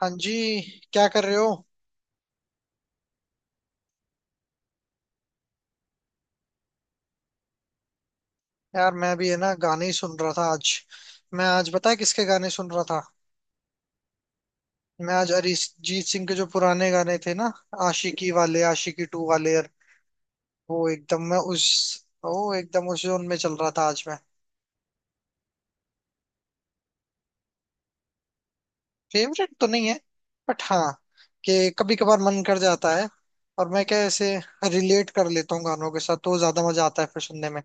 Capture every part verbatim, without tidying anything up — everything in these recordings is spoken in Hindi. हाँ जी। क्या कर रहे हो? यार, मैं भी है ना गाने ही सुन रहा था आज। मैं आज पता है किसके गाने सुन रहा था? मैं आज अरिजीत सिंह के जो पुराने गाने थे ना, आशिकी वाले, आशिकी टू वाले यार। वो एकदम मैं उस वो एकदम उस जोन में चल रहा था आज मैं। फेवरेट तो नहीं है, बट हाँ, कि कभी कभार मन कर जाता है। और मैं क्या ऐसे रिलेट कर लेता हूँ गानों के साथ, तो ज्यादा मजा आता है फिर सुनने में।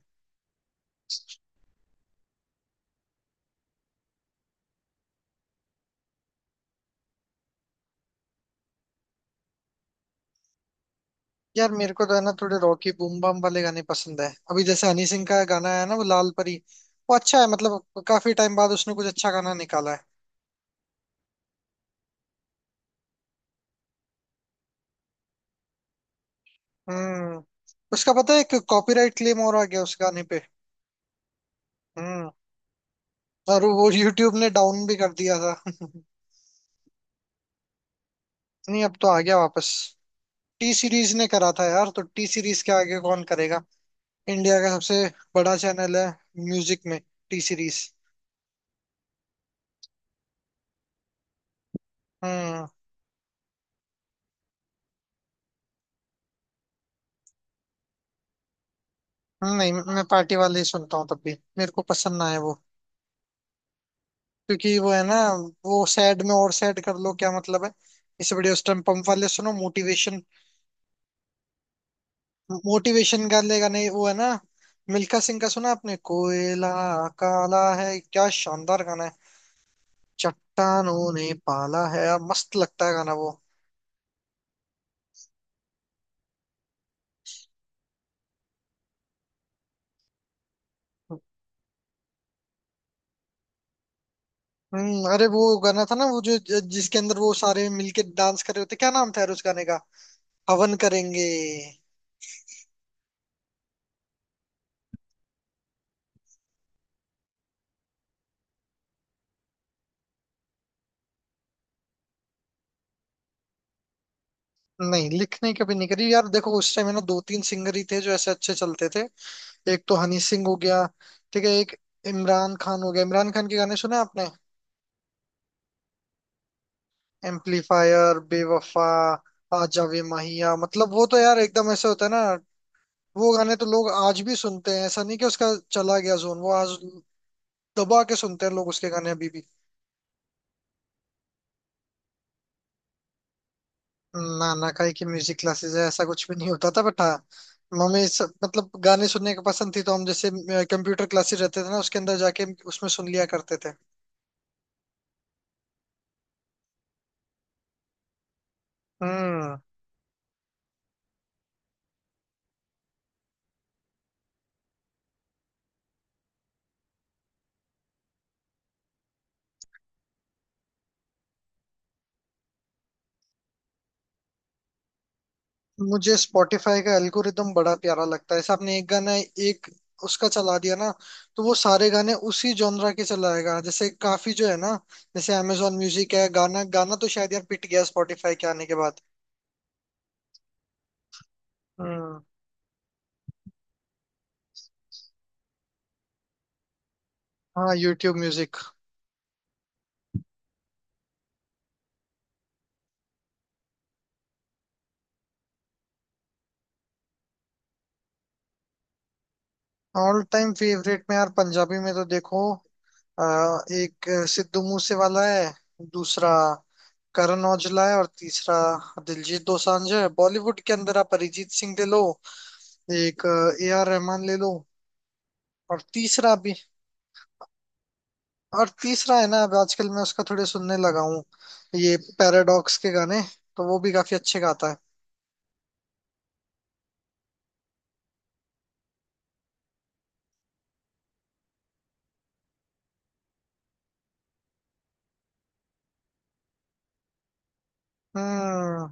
यार, मेरे को तो है ना थोड़े रॉकी बूम बम वाले गाने पसंद है। अभी जैसे हनी सिंह का गाना है ना, वो लाल परी। वो अच्छा है, मतलब काफी टाइम बाद उसने कुछ अच्छा गाना निकाला है। हम्म। उसका पता है, एक कॉपीराइट क्लेम और आ गया उस गाने पे। हम्म। और वो यूट्यूब ने डाउन भी कर दिया था। नहीं, अब तो आ गया वापस। टी सीरीज ने करा था यार, तो टी सीरीज के आगे कौन करेगा। इंडिया का सबसे बड़ा चैनल है म्यूजिक में, टी सीरीज। हम्म। नहीं, मैं पार्टी वाले ही सुनता हूँ तब भी, मेरे को पसंद ना है वो। क्योंकि वो है ना, वो सैड में और सैड कर लो, क्या मतलब है। इससे बढ़िया उस टाइम पंप वाले सुनो, मोटिवेशन। मोटिवेशन का लेगा नहीं वो है ना। मिल्खा सिंह का सुना आपने, कोयला काला है? क्या शानदार गाना है। चट्टानों ने पाला है यार, मस्त लगता है गाना वो। हम्म। अरे वो गाना था ना, वो जो ज- जिसके अंदर वो सारे मिलके डांस कर रहे होते, क्या नाम था यार उस गाने का? हवन करेंगे। नहीं, लिखने कभी नहीं करी यार। देखो उस टाइम है ना, दो तीन सिंगर ही थे जो ऐसे अच्छे चलते थे। एक तो हनी सिंह हो गया। ठीक है, एक इमरान खान हो गया। इमरान खान के गाने सुने आपने? एम्पलीफायर, बेवफा, आजा वे माहिया, मतलब वो तो यार एकदम ऐसे होता है ना। वो गाने तो लोग आज भी सुनते हैं, ऐसा नहीं कि उसका चला गया जोन वो आज। दबा के सुनते हैं लोग उसके गाने अभी भी। नाना का की म्यूजिक क्लासेस है ऐसा कुछ भी नहीं होता था, बट हाँ। हमें सब मतलब गाने सुनने की पसंद थी, तो हम जैसे कंप्यूटर क्लासेस रहते थे ना, उसके अंदर जाके उसमें सुन लिया करते थे। हम्म। मुझे स्पॉटिफाई का एल्गोरिदम बड़ा प्यारा लगता है। जैसे आपने एक गाना, एक उसका चला दिया ना, तो वो सारे गाने उसी जॉनरा के चलाएगा, जैसे काफी जो है ना। जैसे अमेजोन म्यूजिक है, गाना, गाना तो शायद यार पिट गया स्पॉटिफाई के आने के बाद। हम्म। हाँ, YouTube music. All time favourite में यार, पंजाबी में तो देखो, आ, एक अ, सिद्धू मूसे वाला है। दूसरा करण औजला है, और तीसरा दिलजीत दोसांझ है। बॉलीवुड के अंदर आप अरिजीत सिंह ले लो। एक ए आर रहमान ले लो। और तीसरा भी, और तीसरा है ना, अब आजकल मैं उसका थोड़े सुनने लगा हूँ, ये पैराडॉक्स के गाने, तो वो भी काफी अच्छे गाता है। हम्म।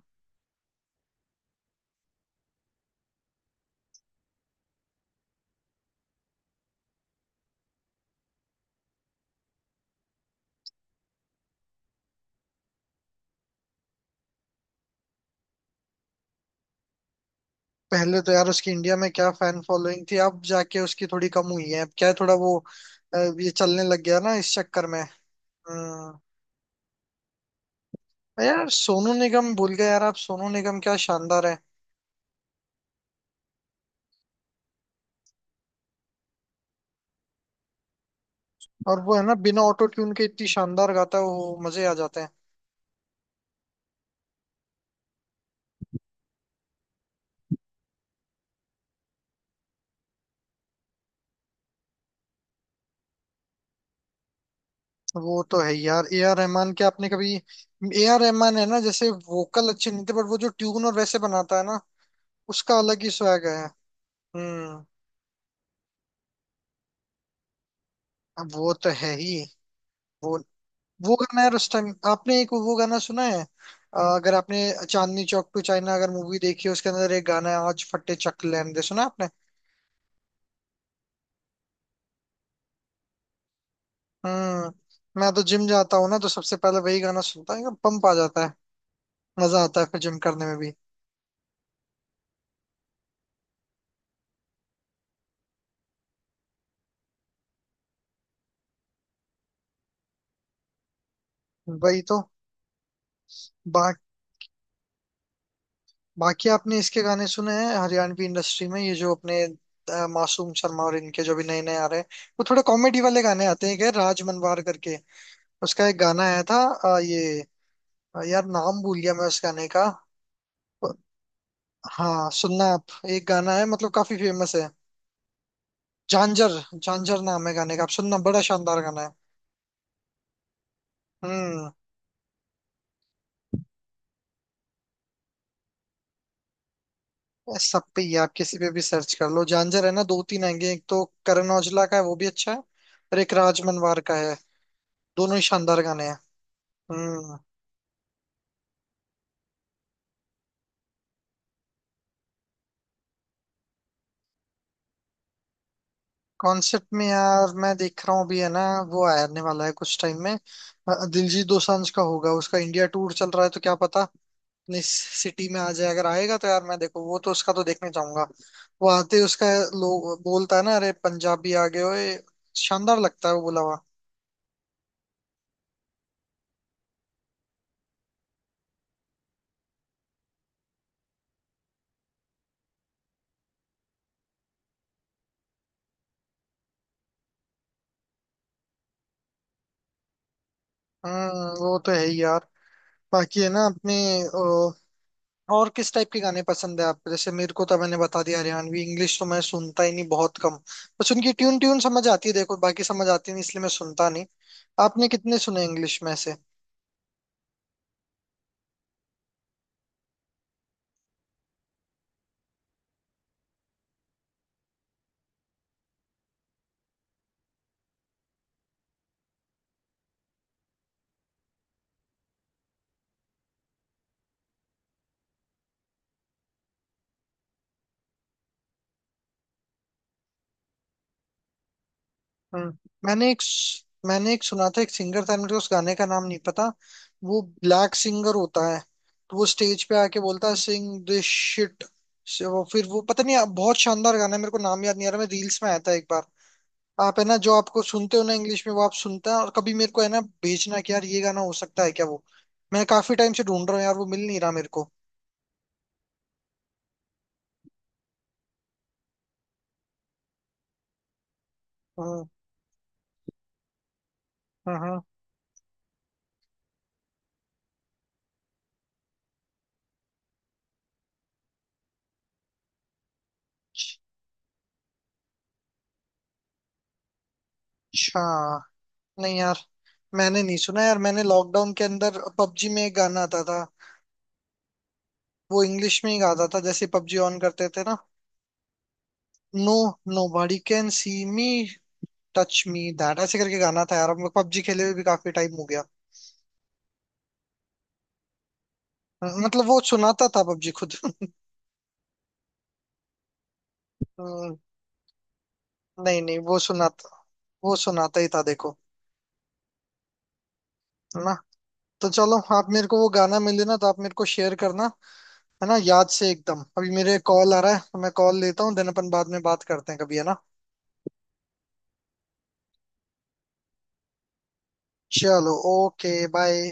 पहले तो यार उसकी इंडिया में क्या फैन फॉलोइंग थी। अब जाके उसकी थोड़ी कम हुई है। अब क्या है थोड़ा वो, अ, ये चलने लग गया ना इस चक्कर में। हम्म। यार सोनू निगम भूल गए यार आप। सोनू निगम क्या शानदार है। और वो है ना, बिना ऑटो ट्यून के इतनी शानदार गाता है वो, मजे आ जाते हैं। वो तो है यार। ए आर रहमान के आपने कभी ए आर रहमान है ना, जैसे वोकल अच्छे नहीं थे, बट वो जो ट्यून और वैसे बनाता है ना, उसका अलग ही स्वैग है। हम्म। अब वो तो है ही। वो वो गाना यार उस टाइम आपने एक, वो गाना सुना है अ, अगर आपने, चांदनी चौक टू चाइना अगर मूवी देखी है, उसके अंदर एक गाना है, आज फटे चक दे, सुना है आपने? हम्म। मैं तो जिम जाता हूँ ना, तो सबसे पहले वही गाना सुनता है, पंप आ जाता है। मजा आता है फिर जिम करने में भी। वही तो। बाकी आपने इसके गाने सुने हैं हरियाणवी इंडस्ट्री में? ये जो अपने अ, मासूम शर्मा और इनके जो भी नए नए आ रहे हैं, वो थोड़े कॉमेडी वाले गाने आते हैं क्या, राज मनवार करके। उसका एक गाना आया था, अ, ये अ, यार नाम भूल गया मैं उस गाने का। हाँ, सुनना आप, एक गाना है मतलब काफी फेमस है। झांझर, झांझर नाम है गाने का। आप सुनना, बड़ा शानदार गाना है। हम्म। सब पे ही है, आप किसी पे भी सर्च कर लो झांझर, है ना, दो तीन आएंगे। एक तो करण औजला का है, वो भी अच्छा है, और एक राज मनवार का है। दोनों ही शानदार गाने हैं। हम्म। कॉन्सेप्ट में यार, मैं देख रहा हूँ अभी है ना, वो आने वाला है कुछ टाइम में, अ, दिलजीत दोसांझ का होगा। उसका इंडिया टूर चल रहा है, तो क्या पता अपनी सिटी में आ जाए। अगर आएगा तो यार मैं देखो, वो तो उसका तो देखने चाहूंगा। वो आते ही उसका लोग बोलता है ना, अरे पंजाबी आ गए ओए, शानदार लगता है वो बुलावा। हम्म। वो तो है ही यार। बाकी है ना अपने, और किस टाइप के गाने पसंद है आपको? जैसे मेरे को तो मैंने बता दिया, हरियाणवी। इंग्लिश तो मैं सुनता ही नहीं, बहुत कम। बस उनकी ट्यून, ट्यून समझ आती है देखो, बाकी समझ आती नहीं, इसलिए मैं सुनता नहीं। आपने कितने सुने इंग्लिश में से? हम्म। मैंने एक मैंने एक सुना था, एक सिंगर था, मुझे उस गाने का नाम नहीं पता। वो ब्लैक सिंगर होता है। तो वो स्टेज पे आके बोलता है, सिंग दिस शिट। वो फिर वो, पता नहीं, बहुत शानदार गाना है, मेरे को नाम याद नहीं आ रहा। मैं रील्स में आया था एक बार। आप है ना, जो आपको सुनते हो ना इंग्लिश में, वो आप सुनता है, और कभी मेरे को है ना भेजना कि यार, ये गाना हो सकता है क्या वो। मैं काफी टाइम से ढूंढ रहा हूँ यार, वो मिल नहीं रहा मेरे को। हम्म। हम्म। हम्म। अच्छा, नहीं यार, मैंने नहीं सुना यार। मैंने लॉकडाउन के अंदर पबजी में एक गाना आता था। वो इंग्लिश में ही गाता था, जैसे पबजी ऑन करते थे ना। No, nobody can see me, touch me that ऐसे करके गाना था यार। अब पबजी खेले हुए भी काफी टाइम हो गया। हम्म, मतलब वो सुनाता था पबजी खुद। हम्म, नहीं, नहीं, वो सुनाता वो सुनाता ही था देखो, है ना। तो चलो, आप मेरे को वो गाना मिले ना तो आप मेरे को शेयर करना, है ना, याद से एकदम। अभी मेरे कॉल आ रहा है, तो मैं कॉल लेता हूँ, देन अपन बाद में बात करते हैं कभी, है ना। चलो, ओके, बाय।